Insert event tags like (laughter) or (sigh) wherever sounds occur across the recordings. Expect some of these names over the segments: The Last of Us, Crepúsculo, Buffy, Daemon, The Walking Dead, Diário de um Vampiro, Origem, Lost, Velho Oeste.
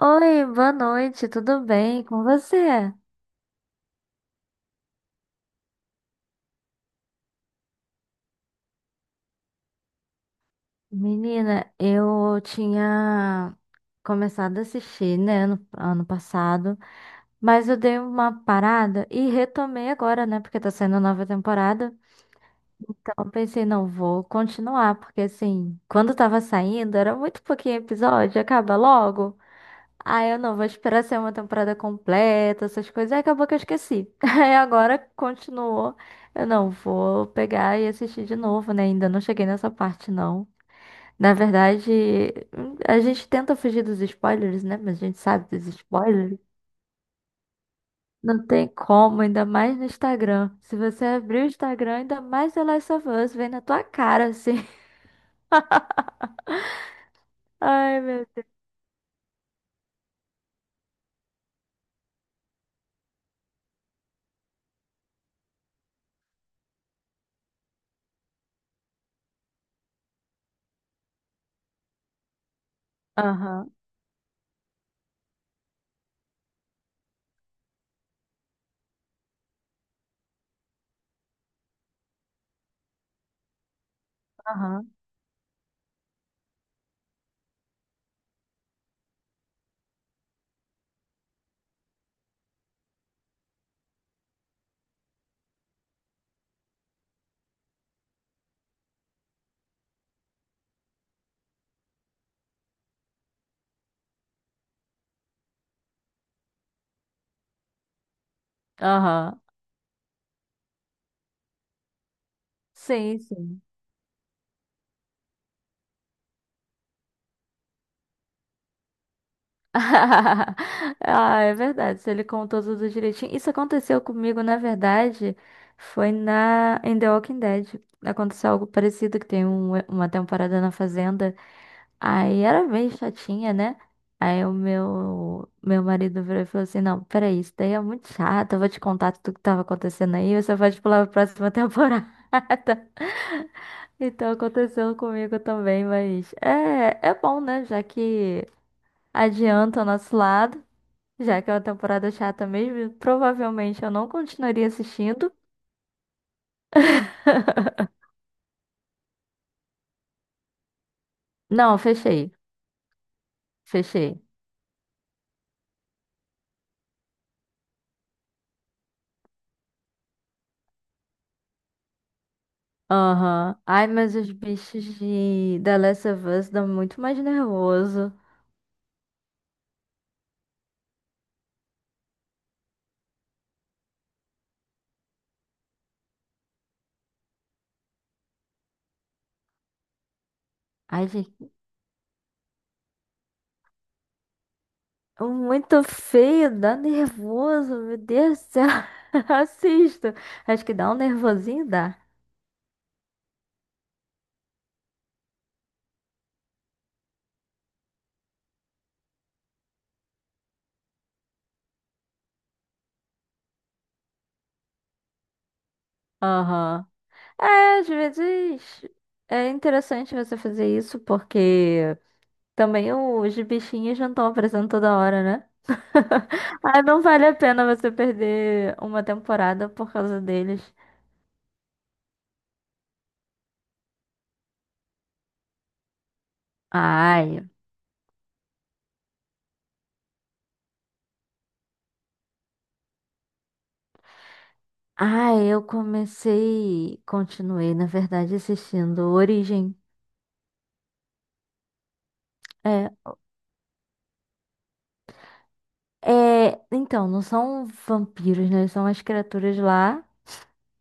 Oi, boa noite, tudo bem com você? Menina, eu tinha começado a assistir, né, no ano passado, mas eu dei uma parada e retomei agora, né, porque tá saindo nova temporada. Então eu pensei, não, vou continuar, porque assim, quando tava saindo, era muito pouquinho episódio, acaba logo. Ah, eu não, vou esperar ser uma temporada completa, essas coisas. Aí acabou que eu esqueci. (laughs) Aí agora continuou. Eu não vou pegar e assistir de novo, né? Ainda não cheguei nessa parte, não. Na verdade, a gente tenta fugir dos spoilers, né? Mas a gente sabe dos spoilers. Não tem como, ainda mais no Instagram. Se você abrir o Instagram, ainda mais The Last of Us vem na tua cara, assim. (laughs) Ai, meu Deus. Aham, aham, aham. Sim, sim. (laughs) Ah, é verdade. Se ele contou tudo direitinho. Isso aconteceu comigo, na verdade, foi na em The Walking Dead. Aconteceu algo parecido, que tem uma temporada na fazenda. Aí era bem chatinha, né? Aí o meu marido virou e falou assim: Não, peraí, isso daí é muito chato. Eu vou te contar tudo que tava acontecendo aí. Você pode pular pra próxima temporada. (laughs) Então aconteceu comigo também, mas é bom, né? Já que adianta o nosso lado. Já que é uma temporada chata mesmo, provavelmente eu não continuaria assistindo. (laughs) Não, fechei. Fechei. Aham. Ai, mas os bichos de The Last of Us dão muito mais nervoso. Ai, gente, é muito feio, dá nervoso, meu Deus do céu. (laughs) Assisto. Acho que dá um nervosinho, dá. Aham. É, às vezes é interessante você fazer isso, porque também os bichinhos não estão aparecendo toda hora, né? (laughs) Ah, não vale a pena você perder uma temporada por causa deles. Ai. Ai, eu comecei. Continuei, na verdade, assistindo Origem. É. É, então, não são vampiros, né? São as criaturas lá.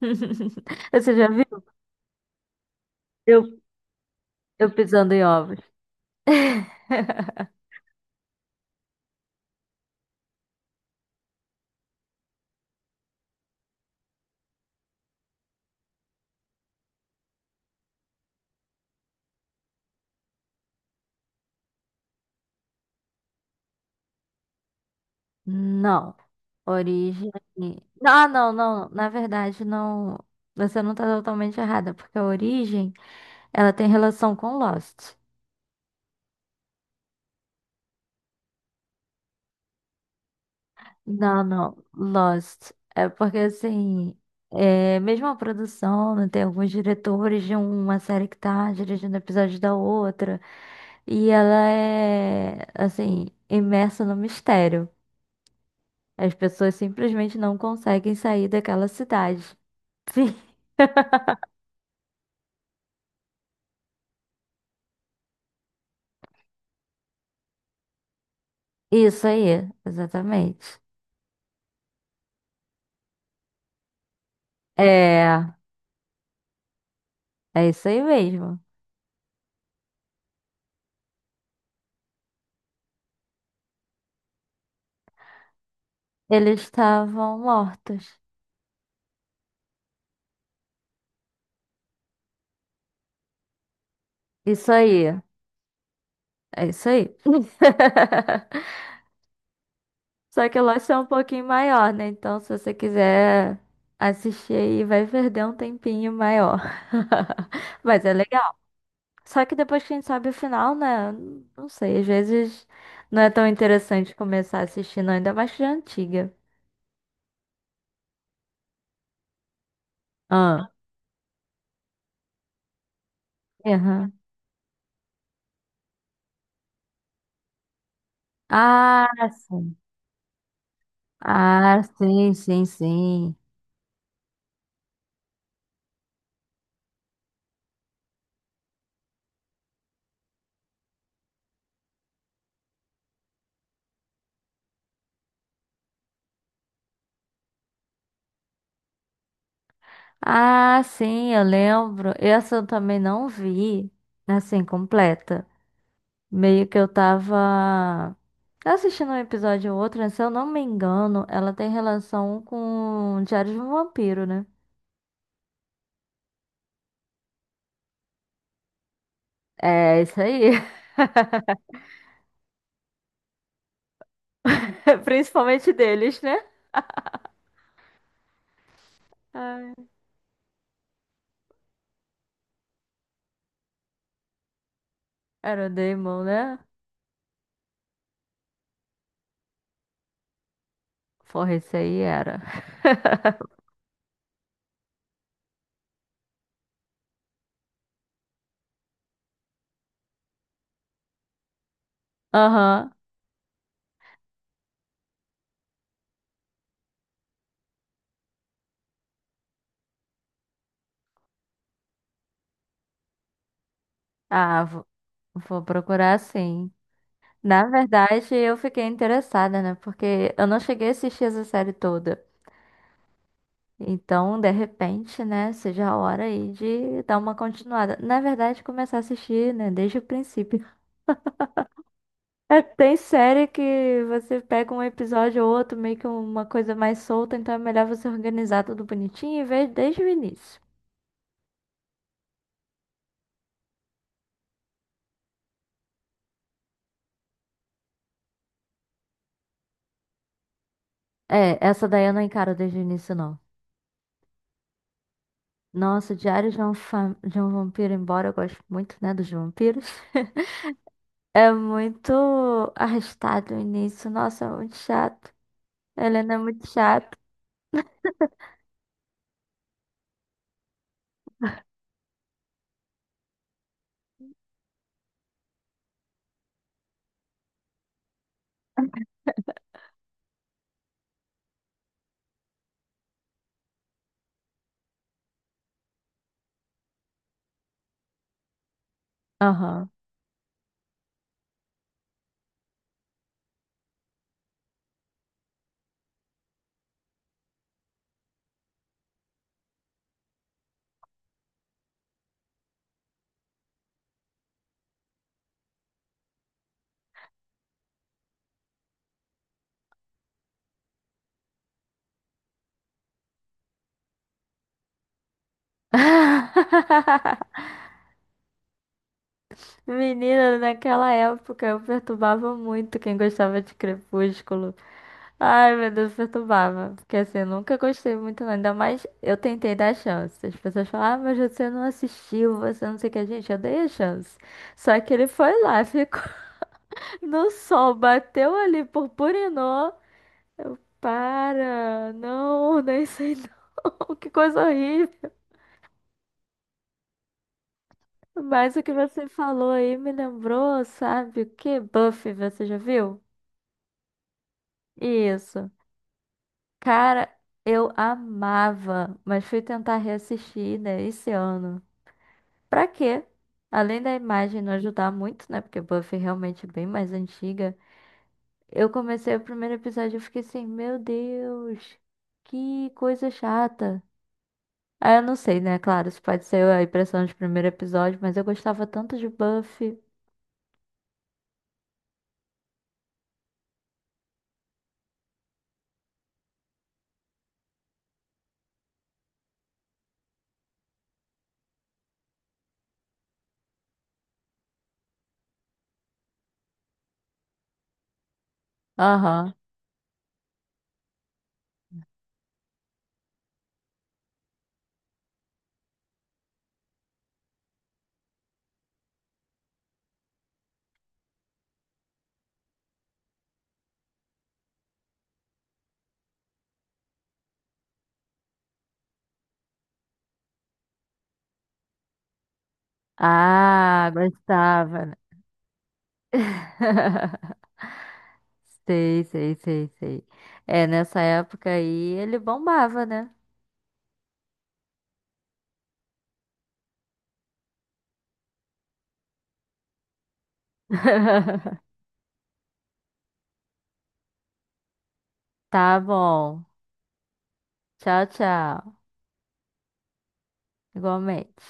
(laughs) Você já viu? Eu, eu pisando em ovos. (laughs) Não. Origem. Ah, não, não. Na verdade, não. Você não tá totalmente errada, porque a Origem, ela tem relação com Lost. Não, não, Lost. É porque assim, é mesmo a produção, né, tem alguns diretores de uma série que tá dirigindo episódios da outra, e ela é assim, imersa no mistério. As pessoas simplesmente não conseguem sair daquela cidade. (laughs) Sim, isso aí, exatamente. É, é isso aí mesmo. Eles estavam mortos. Isso aí, é isso aí. (laughs) Só que o Lost é um pouquinho maior, né? Então, se você quiser assistir aí, vai perder um tempinho maior. (laughs) Mas é legal. Só que depois que a gente sabe o final, né? Não sei, às vezes não é tão interessante começar assistindo, ainda mais que de antiga. Ah, aham. Ah, sim. Ah, sim, sim, sim. Ah, sim, eu lembro. Essa eu também não vi, assim, completa. Meio que eu tava assistindo um episódio ou outro, né? Se eu não me engano, ela tem relação com Diário de um Vampiro, né? É, isso aí. (laughs) Principalmente deles, né? Ai, era o Daemon, né? Porra, isso aí era. Aham. Ah, vou procurar sim. Na verdade, eu fiquei interessada, né? Porque eu não cheguei a assistir essa série toda. Então, de repente, né, seja a hora aí de dar uma continuada. Na verdade, começar a assistir, né, desde o princípio. (laughs) É, tem série que você pega um episódio ou outro, meio que uma coisa mais solta, então é melhor você organizar tudo bonitinho e ver desde o início. É, essa daí eu não encaro desde o início, não. Nossa, Diário de um Vampiro, embora eu goste muito, né, dos vampiros, (laughs) é muito arrastado o início. Nossa, é muito chato. Helena é muito chata. Aham. (laughs) Menina, naquela época eu perturbava muito quem gostava de Crepúsculo. Ai, meu Deus, perturbava. Porque assim, eu nunca gostei muito, não. Ainda mais eu tentei dar chance. As pessoas falam, ah, mas você não assistiu, você não sei o que. Gente, eu dei a chance. Só que ele foi lá, ficou (laughs) no sol, bateu ali, purpurinou. Eu, para, não, (laughs) nem sei não. (laughs) Que coisa horrível. Mas o que você falou aí me lembrou, sabe o que? Buffy, você já viu? Isso. Cara, eu amava, mas fui tentar reassistir, né, esse ano. Pra quê? Além da imagem não ajudar muito, né? Porque Buffy é realmente bem mais antiga. Eu comecei o primeiro episódio e fiquei assim, meu Deus, que coisa chata. Ah, eu não sei, né? Claro, isso pode ser a impressão de primeiro episódio, mas eu gostava tanto de Buffy. Aham. Ah, gostava, né? (laughs) Sei, sei, sei, sei. É, nessa época aí ele bombava, né? (laughs) Tá bom. Tchau, tchau. Igualmente.